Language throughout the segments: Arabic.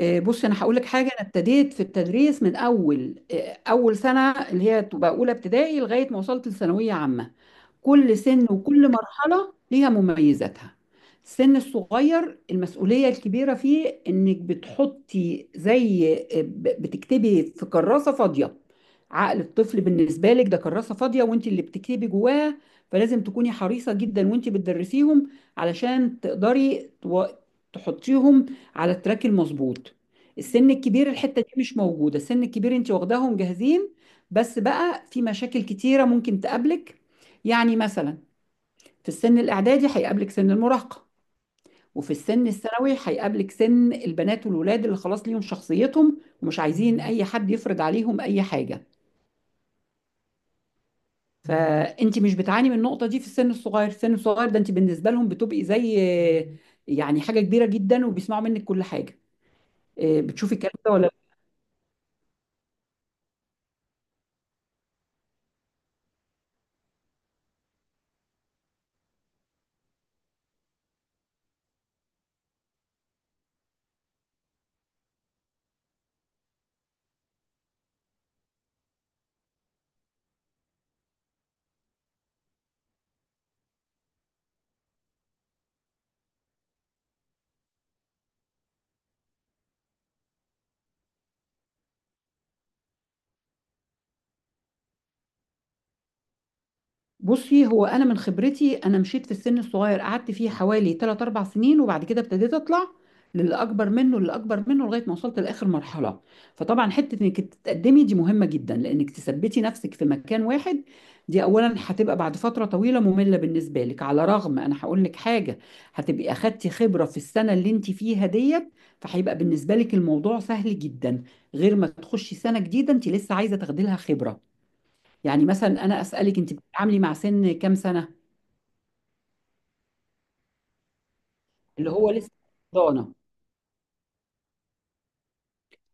بصي انا هقول لك حاجه. انا ابتديت في التدريس من اول سنه اللي هي تبقى اولى ابتدائي لغايه ما وصلت لثانويه عامه. كل سن وكل مرحلة ليها مميزاتها. السن الصغير المسؤولية الكبيرة فيه إنك بتحطي زي بتكتبي في كراسة فاضية. عقل الطفل بالنسبة لك ده كراسة فاضية، وانت اللي بتكتبي جواها، فلازم تكوني حريصة جدا وانت بتدرسيهم علشان تقدري تحطيهم على التراك المظبوط. السن الكبير الحتة دي مش موجودة، السن الكبير انت واخداهم جاهزين، بس بقى في مشاكل كتيرة ممكن تقابلك. يعني مثلا في السن الإعدادي هيقابلك سن المراهقة، وفي السن الثانوي هيقابلك سن البنات والولاد اللي خلاص ليهم شخصيتهم، ومش عايزين أي حد يفرض عليهم أي حاجة. فأنت مش بتعاني من النقطة دي في السن الصغير، السن الصغير ده أنت بالنسبة لهم بتبقي زي يعني حاجة كبيرة جدا، وبيسمعوا منك كل حاجة. إيه، بتشوفي الكلام ده ولا؟ بُصي، هو أنا من خبرتي أنا مشيت في السن الصغير، قعدت فيه حوالي 3، 4 سنين، وبعد كده ابتديت أطلع للي أكبر منه، لغاية ما وصلت لآخر مرحلة. فطبعًا حتة إنِك تتقدمي دي مهمة جدًا، لإنِك تثبّتي نفسِك في مكان واحد، دي أولًا هتبقى بعد فترة طويلة مملة بالنسبة لِك. على الرغم أنا هاقول لِك حاجة، هتبقي أخدتِ خبرة في السنة اللي أنتِ فيها ديّة، فهيبقى بالنسبة لِك الموضوع سهل جدًا، غير ما تخشي سنة جديدة أنتِ لسه عايزة تاخدي لها خبرة. يعني مثلا انا اسالك انت بتتعاملي مع سن كام سنه؟ اللي هو لسه ضانه.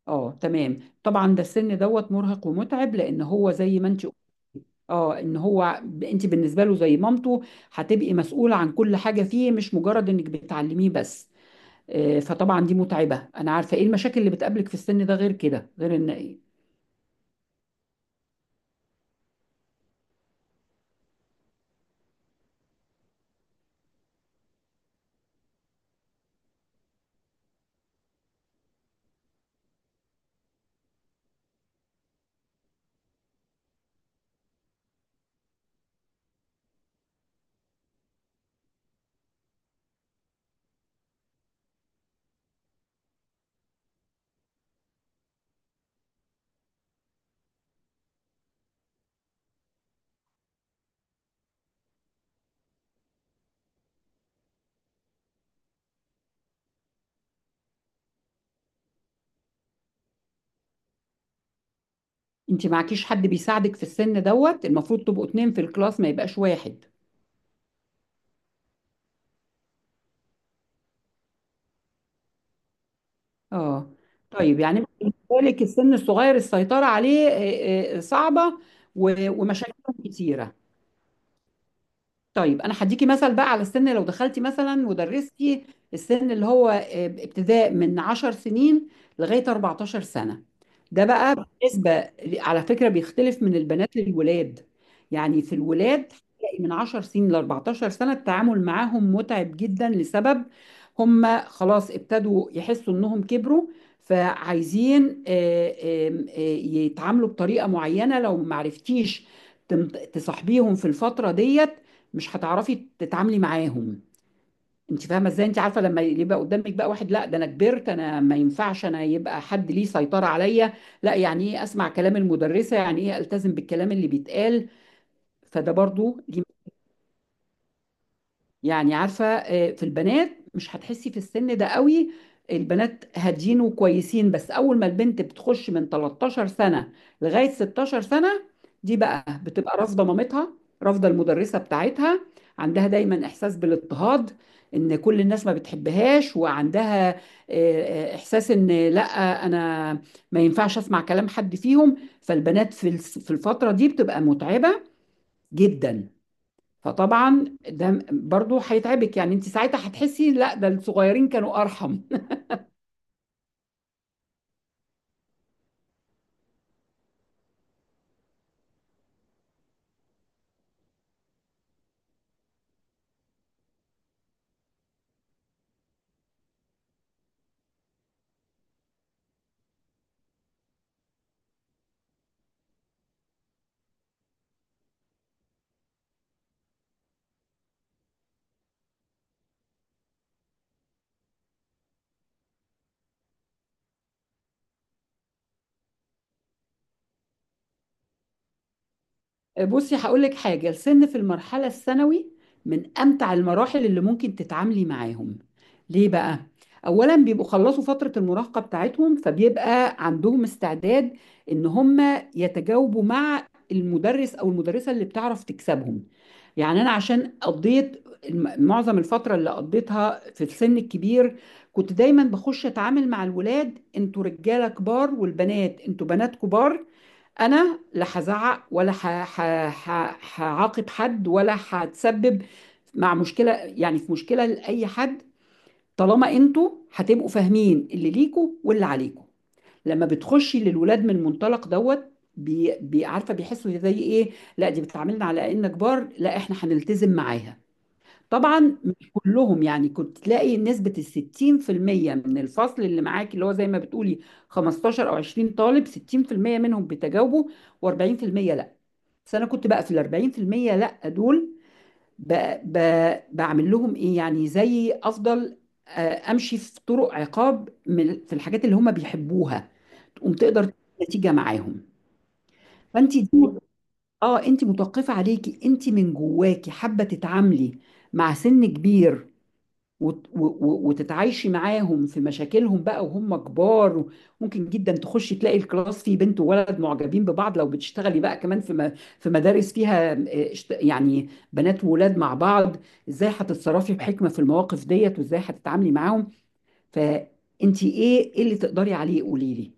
اه تمام طبعا ده السن دوت مرهق ومتعب، لان هو زي ما انت، اه ان هو انت بالنسبه له زي مامته، هتبقي مسؤوله عن كل حاجه فيه، مش مجرد انك بتعلميه بس. فطبعا دي متعبه، انا عارفه ايه المشاكل اللي بتقابلك في السن ده، غير كده غير ان انت معكيش حد بيساعدك في السن دوت، المفروض تبقوا اتنين في الكلاس ما يبقاش واحد. اه. طيب يعني بالنسبة لك السن الصغير السيطرة عليه صعبة ومشاكل كتيرة. طيب انا هديكي مثل بقى على السن، لو دخلتي مثلا ودرستي السن اللي هو ابتداء من 10 سنين لغايه 14 سنه، ده بقى بالنسبه، على فكره بيختلف من البنات للولاد. يعني في الولاد هتلاقي من 10 سنين ل 14 سنه التعامل معاهم متعب جدا، لسبب هم خلاص ابتدوا يحسوا انهم كبروا، فعايزين يتعاملوا بطريقه معينه. لو معرفتيش تم- تصاحبيهم في الفتره ديت مش هتعرفي تتعاملي معاهم. انت فاهمه ازاي؟ انت عارفه لما يبقى قدامك بقى واحد لا ده انا كبرت، انا ما ينفعش انا يبقى حد ليه سيطره عليا، لا يعني ايه اسمع كلام المدرسه، يعني ايه التزم بالكلام اللي بيتقال. فده برضو يعني عارفة. في البنات مش هتحسي في السن ده قوي، البنات هاديين وكويسين، بس أول ما البنت بتخش من 13 سنة لغاية 16 سنة، دي بقى بتبقى رافضة مامتها، رافضة المدرسة بتاعتها، عندها دايما إحساس بالاضطهاد، إن كل الناس ما بتحبهاش، وعندها إحساس إن لأ أنا ما ينفعش أسمع كلام حد فيهم. فالبنات في في الفترة دي بتبقى متعبة جدا، فطبعا ده برضو هيتعبك، يعني انت ساعتها هتحسي لا ده الصغيرين كانوا ارحم. بصي هقول لك حاجة، السن في المرحلة الثانوي من أمتع المراحل اللي ممكن تتعاملي معاهم. ليه بقى؟ أولا بيبقوا خلصوا فترة المراهقة بتاعتهم، فبيبقى عندهم استعداد إن هم يتجاوبوا مع المدرس أو المدرسة اللي بتعرف تكسبهم. يعني أنا عشان قضيت معظم الفترة اللي قضيتها في السن الكبير، كنت دايما بخش أتعامل مع الولاد: انتوا رجالة كبار، والبنات انتوا بنات كبار، انا لا هزعق، ولا هعاقب حد، ولا هتسبب مع مشكله، يعني في مشكله لاي حد، طالما انتوا هتبقوا فاهمين اللي ليكوا واللي عليكوا. لما بتخشي للولاد من المنطلق دوت عارفه بيحسوا زي ايه؟ لا دي بتعاملنا على ان كبار، لا احنا هنلتزم معاها. طبعا مش كلهم، يعني كنت تلاقي نسبة 60% من الفصل اللي معاك، اللي هو زي ما بتقولي 15 أو 20 طالب، 60% منهم بيتجاوبوا و40% لأ. بس أنا كنت بقى في 40% لأ دول ب... ب... بعمل لهم إيه، يعني زي أفضل، أمشي في طرق عقاب من في الحاجات اللي هم بيحبوها، تقوم تقدر تجيب نتيجة معاهم. فأنت دي اه انت متوقفة عليكي، انت من جواكي حابة تتعاملي مع سن كبير وتتعايشي معاهم في مشاكلهم بقى وهم كبار. ممكن جدا تخشي تلاقي الكلاس فيه بنت وولد معجبين ببعض، لو بتشتغلي بقى كمان في في مدارس فيها يعني بنات وولاد مع بعض، ازاي هتتصرفي بحكمة في المواقف ديت، وازاي هتتعاملي معاهم؟ فانت ايه ايه اللي تقدري عليه قولي لي.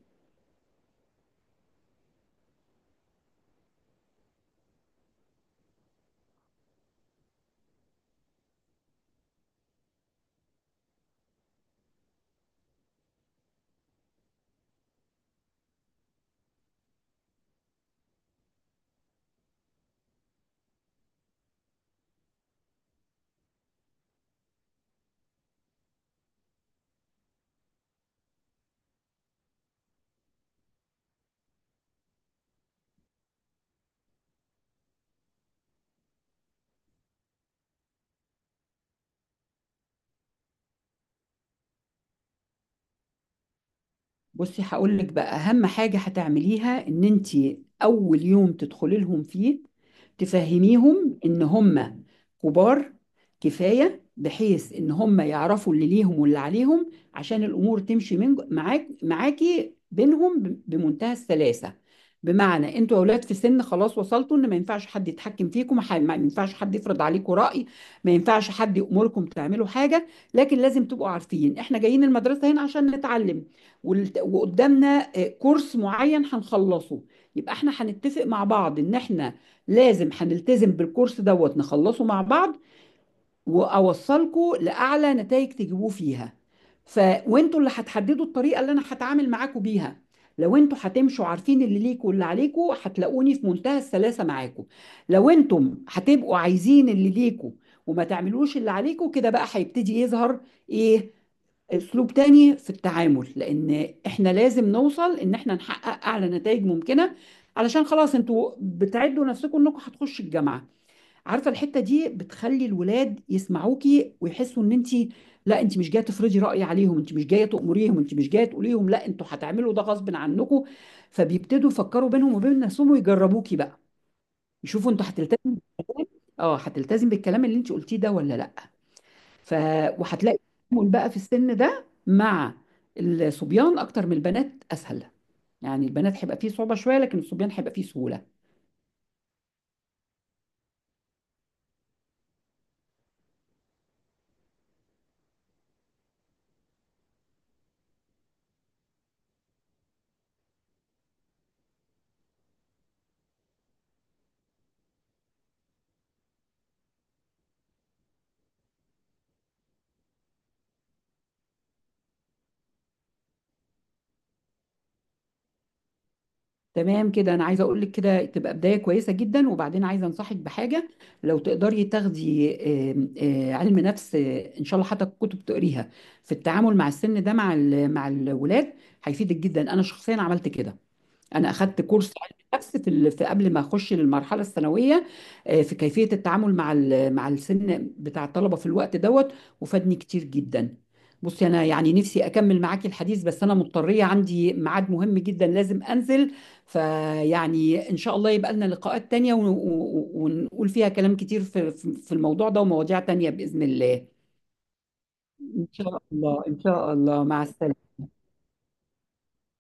بصي هقول لك بقى اهم حاجه هتعمليها، ان انت اول يوم تدخلي لهم فيه تفهميهم ان هم كبار كفايه، بحيث ان هم يعرفوا اللي ليهم واللي عليهم، عشان الامور تمشي من معاك معاكي بينهم بمنتهى السلاسه. بمعنى انتوا اولاد في سن خلاص وصلتوا ان ما ينفعش حد يتحكم فيكم، ما ينفعش حد يفرض عليكم راي، ما ينفعش حد يامركم تعملوا حاجه، لكن لازم تبقوا عارفين احنا جايين المدرسه هنا عشان نتعلم. وقدامنا كورس معين هنخلصه، يبقى احنا هنتفق مع بعض ان احنا لازم هنلتزم بالكورس دوت نخلصه مع بعض، واوصلكوا لاعلى نتائج تجيبوه فيها. ف وانتوا اللي هتحددوا الطريقه اللي انا هتعامل معاكوا بيها، لو انتوا هتمشوا عارفين اللي ليكوا واللي عليكوا هتلاقوني في منتهى السلاسه معاكوا، لو انتم هتبقوا عايزين اللي ليكوا وما تعملوش اللي عليكوا كده بقى هيبتدي يظهر ايه اسلوب تاني في التعامل، لان احنا لازم نوصل ان احنا نحقق اعلى نتائج ممكنه، علشان خلاص انتوا بتعدوا نفسكم انكم هتخشوا الجامعه. عارفه الحته دي بتخلي الولاد يسمعوكي، ويحسوا ان انت لا انت مش جايه تفرضي راي عليهم، انت مش جايه تامريهم، انت مش جايه تقولي لهم لا انتوا هتعملوا ده غصب عنكم، فبيبتدوا يفكروا بينهم وبين نفسهم ويجربوكي بقى، يشوفوا انتوا هتلتزم، اه هتلتزم بالكلام اللي انت قلتيه ده ولا لا. ف وهتلاقي التعامل بقى في السن ده مع الصبيان اكتر من البنات اسهل، يعني البنات هيبقى فيه صعوبه شويه، لكن الصبيان هيبقى فيه سهوله. تمام كده، انا عايزه اقول لك كده تبقى بدايه كويسه جدا، وبعدين عايزه انصحك بحاجه، لو تقدري تاخدي آم، آه، علم نفس، ان شاء الله حتى كتب تقريها في التعامل مع السن ده مع مع الولاد، هيفيدك جدا. انا شخصيا عملت كده، انا اخدت كورس علم نفس في في قبل ما اخش للمرحله الثانويه، في كيفيه التعامل مع مع السن بتاع الطلبه في الوقت دوت، وفادني كتير جدا. بصي انا يعني نفسي اكمل معاكي الحديث، بس انا مضطريه عندي ميعاد مهم جدا لازم انزل. فيعني ان شاء الله يبقى لنا لقاءات تانية ونقول فيها كلام كتير في الموضوع ده ومواضيع تانية باذن الله. ان شاء الله ان شاء الله مع السلامه.